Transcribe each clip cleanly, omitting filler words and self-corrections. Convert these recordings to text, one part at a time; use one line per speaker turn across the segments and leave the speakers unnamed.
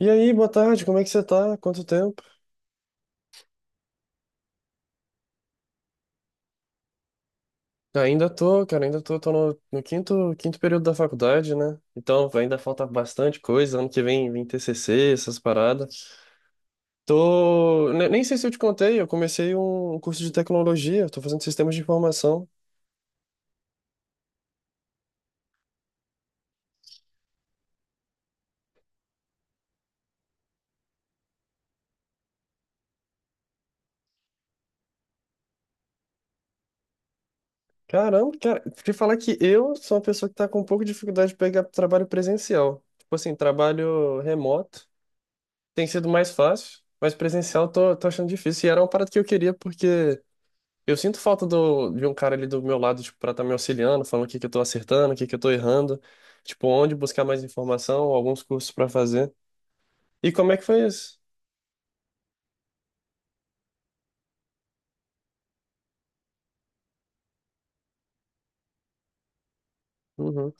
E aí, boa tarde, como é que você tá? Quanto tempo? Ainda tô, cara, ainda tô, no quinto período da faculdade, né? Então ainda falta bastante coisa, ano que vem vem TCC, essas paradas. Tô, nem sei se eu te contei, eu comecei um curso de tecnologia, tô fazendo sistemas de informação. Caramba, cara, te falar que eu sou uma pessoa que tá com um pouco de dificuldade de pegar trabalho presencial. Tipo assim, trabalho remoto tem sido mais fácil, mas presencial tô achando difícil. E era uma parada que eu queria porque eu sinto falta de um cara ali do meu lado, tipo, pra estar me auxiliando, falando o que que eu tô acertando, o que que eu tô errando, tipo, onde buscar mais informação, alguns cursos pra fazer. E como é que foi isso? Uhum,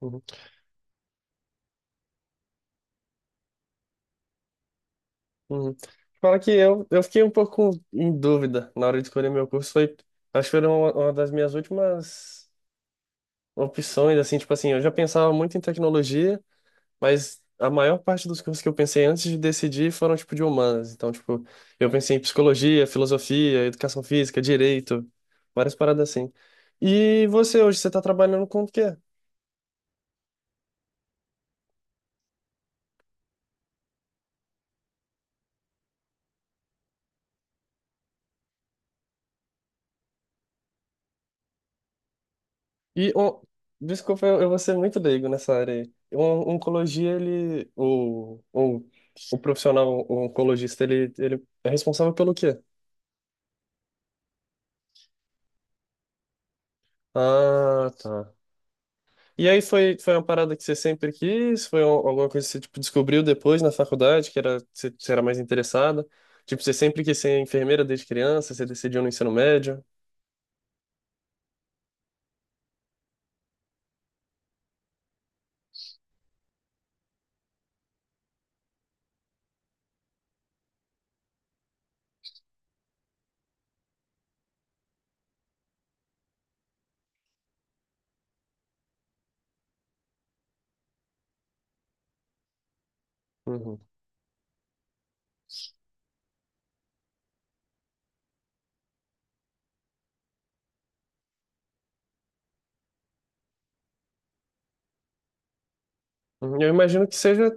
uhum, uhum. Fala que eu fiquei um pouco em dúvida na hora de escolher meu curso, foi, acho que foi uma das minhas últimas opções, assim, tipo assim, eu já pensava muito em tecnologia, mas a maior parte dos cursos que eu pensei antes de decidir foram, tipo, de humanas. Então, tipo, eu pensei em psicologia, filosofia, educação física, direito, várias paradas assim. E você hoje, você tá trabalhando com o quê? E, on- Desculpa, eu vou ser muito leigo nessa área aí. Um, oncologia, o profissional oncologista, ele é responsável pelo quê? Ah, tá. E aí foi, foi uma parada que você sempre quis? Foi alguma coisa que você, tipo, descobriu depois na faculdade, que era, você era mais interessada? Tipo, você sempre quis ser enfermeira desde criança, você decidiu no ensino médio? Uhum. Uhum. Eu imagino que seja,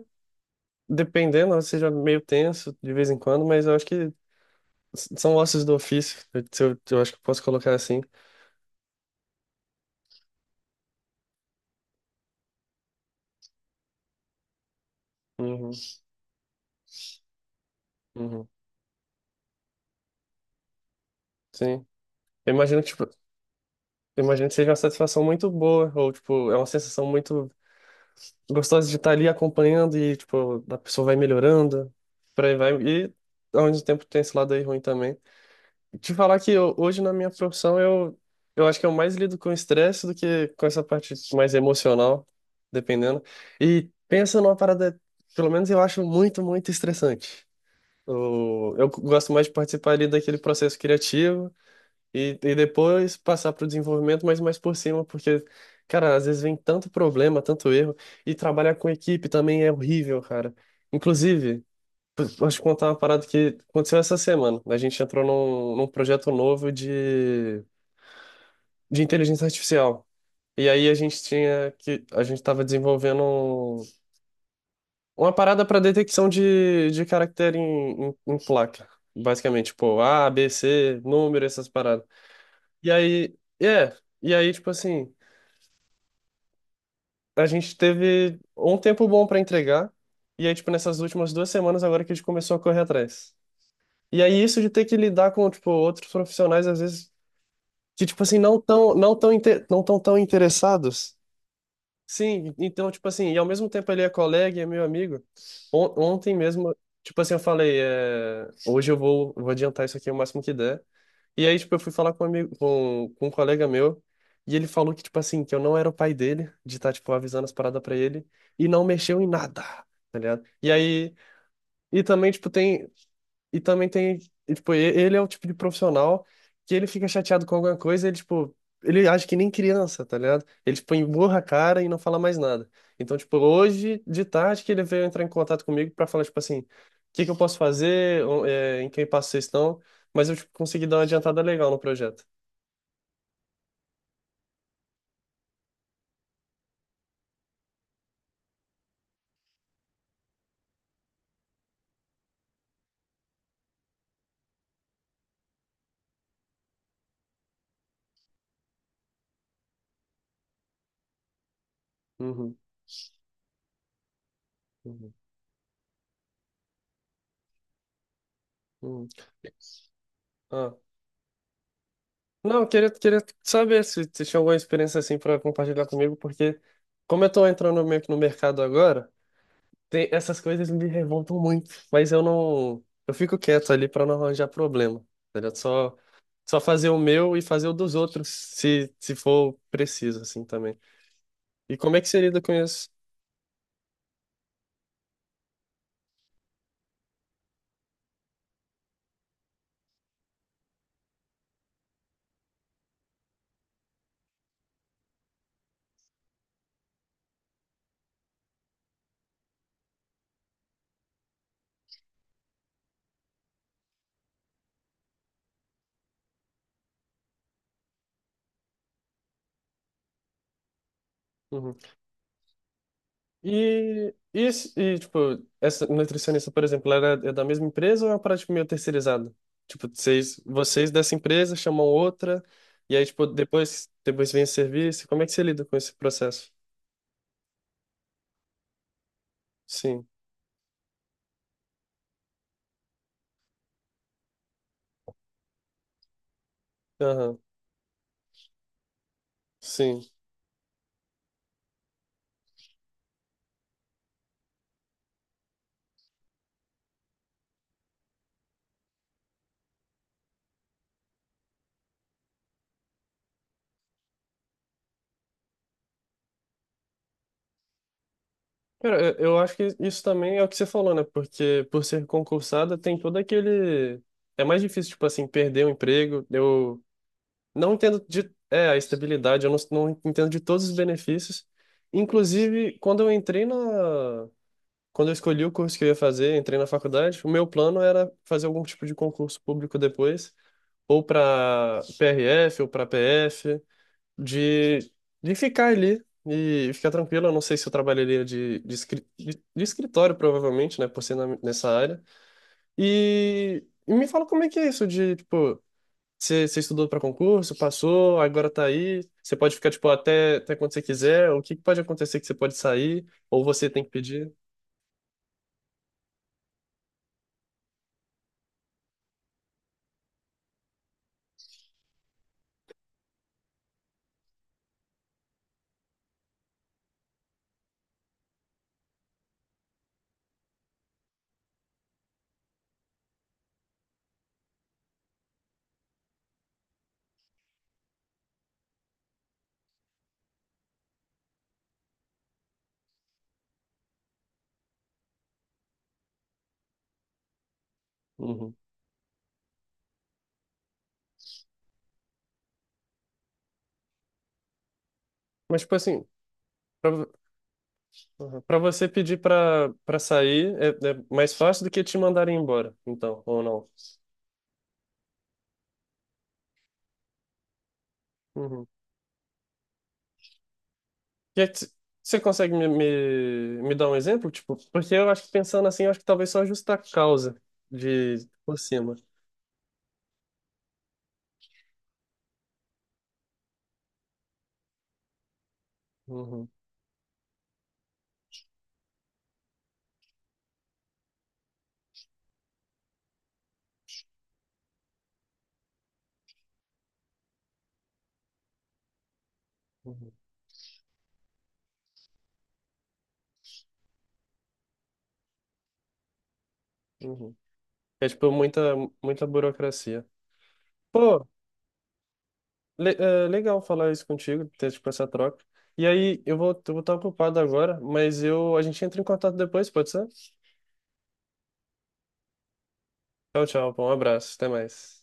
dependendo, né, seja meio tenso de vez em quando, mas eu acho que são ossos do ofício, eu, se eu, eu acho que eu posso colocar assim. Uhum. Uhum. Sim. Eu imagino que, tipo, eu imagino que seja uma satisfação muito boa, ou, tipo, é uma sensação muito gostosa de estar ali acompanhando e, tipo, a pessoa vai melhorando, por aí vai. E ao mesmo tempo tem esse lado aí ruim também. Te falar que hoje na minha profissão eu acho que eu mais lido com estresse do que com essa parte mais emocional, dependendo. E pensa numa parada, pelo menos eu acho muito, muito estressante. Eu gosto mais de participar ali daquele processo criativo. E depois passar para o desenvolvimento, mas mais por cima, porque, cara, às vezes vem tanto problema, tanto erro, e trabalhar com equipe também é horrível, cara. Inclusive, vou te contar uma parada que aconteceu essa semana. A gente entrou num projeto novo de inteligência artificial. E aí a gente tinha que, a gente estava desenvolvendo uma parada para detecção de caractere em, em, em placa. Basicamente, tipo, A, B, C, número, essas paradas. E aí, é, e aí, tipo assim, a gente teve um tempo bom pra entregar, e aí, tipo, nessas últimas duas semanas agora que a gente começou a correr atrás. E aí, isso de ter que lidar com, tipo, outros profissionais, às vezes, que, tipo assim, não tão, não tão, inte- não tão, tão interessados. Sim, então, tipo assim, e ao mesmo tempo ele é colega e é meu amigo. Ontem mesmo, tipo assim, eu falei, é, hoje vou adiantar isso aqui o máximo que der. E aí, tipo, eu fui falar com um amigo, com um colega meu, e ele falou que, tipo assim, que eu não era o pai dele, de estar, tipo, avisando as paradas pra ele, e não mexeu em nada, tá ligado? E aí, e também, tipo, tem, e também tem, e, tipo, ele é o tipo de profissional que ele fica chateado com alguma coisa, ele, tipo, ele age que nem criança, tá ligado? Ele, tipo, emburra a cara e não fala mais nada. Então, tipo, hoje de tarde que ele veio entrar em contato comigo pra falar, tipo assim, o que que eu posso fazer, em que passo vocês estão, mas eu, tipo, consegui dar uma adiantada legal no projeto. Uhum, uhum, uhum. Ah. Não, queria saber se você tinha alguma experiência assim para compartilhar comigo, porque como eu tô entrando meio que no mercado agora, essas coisas me revoltam muito, mas eu não. Eu fico quieto ali pra não arranjar problema. Tá ligado? Só fazer o meu e fazer o dos outros, se for preciso, assim também. E como é que você lida com isso? Uhum. Tipo, essa nutricionista, por exemplo, ela é da mesma empresa ou é uma prática meio terceirizada? Tipo, vocês dessa empresa chamam outra, e aí, tipo, depois vem o serviço. Como é que você lida com esse processo? Sim. Aham. Sim. Cara, eu acho que isso também é o que você falou, né? Porque por ser concursada tem todo aquele. É mais difícil, tipo assim, perder o emprego. Eu não entendo de. É, a estabilidade, eu não, não entendo de todos os benefícios. Inclusive, quando eu entrei na. Quando eu escolhi o curso que eu ia fazer, entrei na faculdade, o meu plano era fazer algum tipo de concurso público depois, ou para PRF, ou para PF de, de ficar ali e ficar tranquilo. Eu não sei se eu trabalharia de escritório, provavelmente, né, por ser nessa área. E me fala como é que é isso de, tipo, você estudou para concurso, passou, agora tá aí, você pode ficar, tipo, até quando você quiser, o que que pode acontecer que você pode sair, ou você tem que pedir. Uhum. Mas, tipo assim, para você pedir para sair é, é mais fácil do que te mandarem embora, então, ou não? Uhum. E aí, t- você consegue me dar um exemplo? Tipo, porque eu acho que pensando assim, eu acho que talvez só justa causa de por cima. Uhum, uhum, uhum. É tipo muita, muita burocracia. Pô, legal falar isso contigo, ter tipo essa troca. E aí, eu vou estar ocupado agora, mas eu, a gente entra em contato depois, pode ser? Tchau, tchau, pô, um abraço, até mais.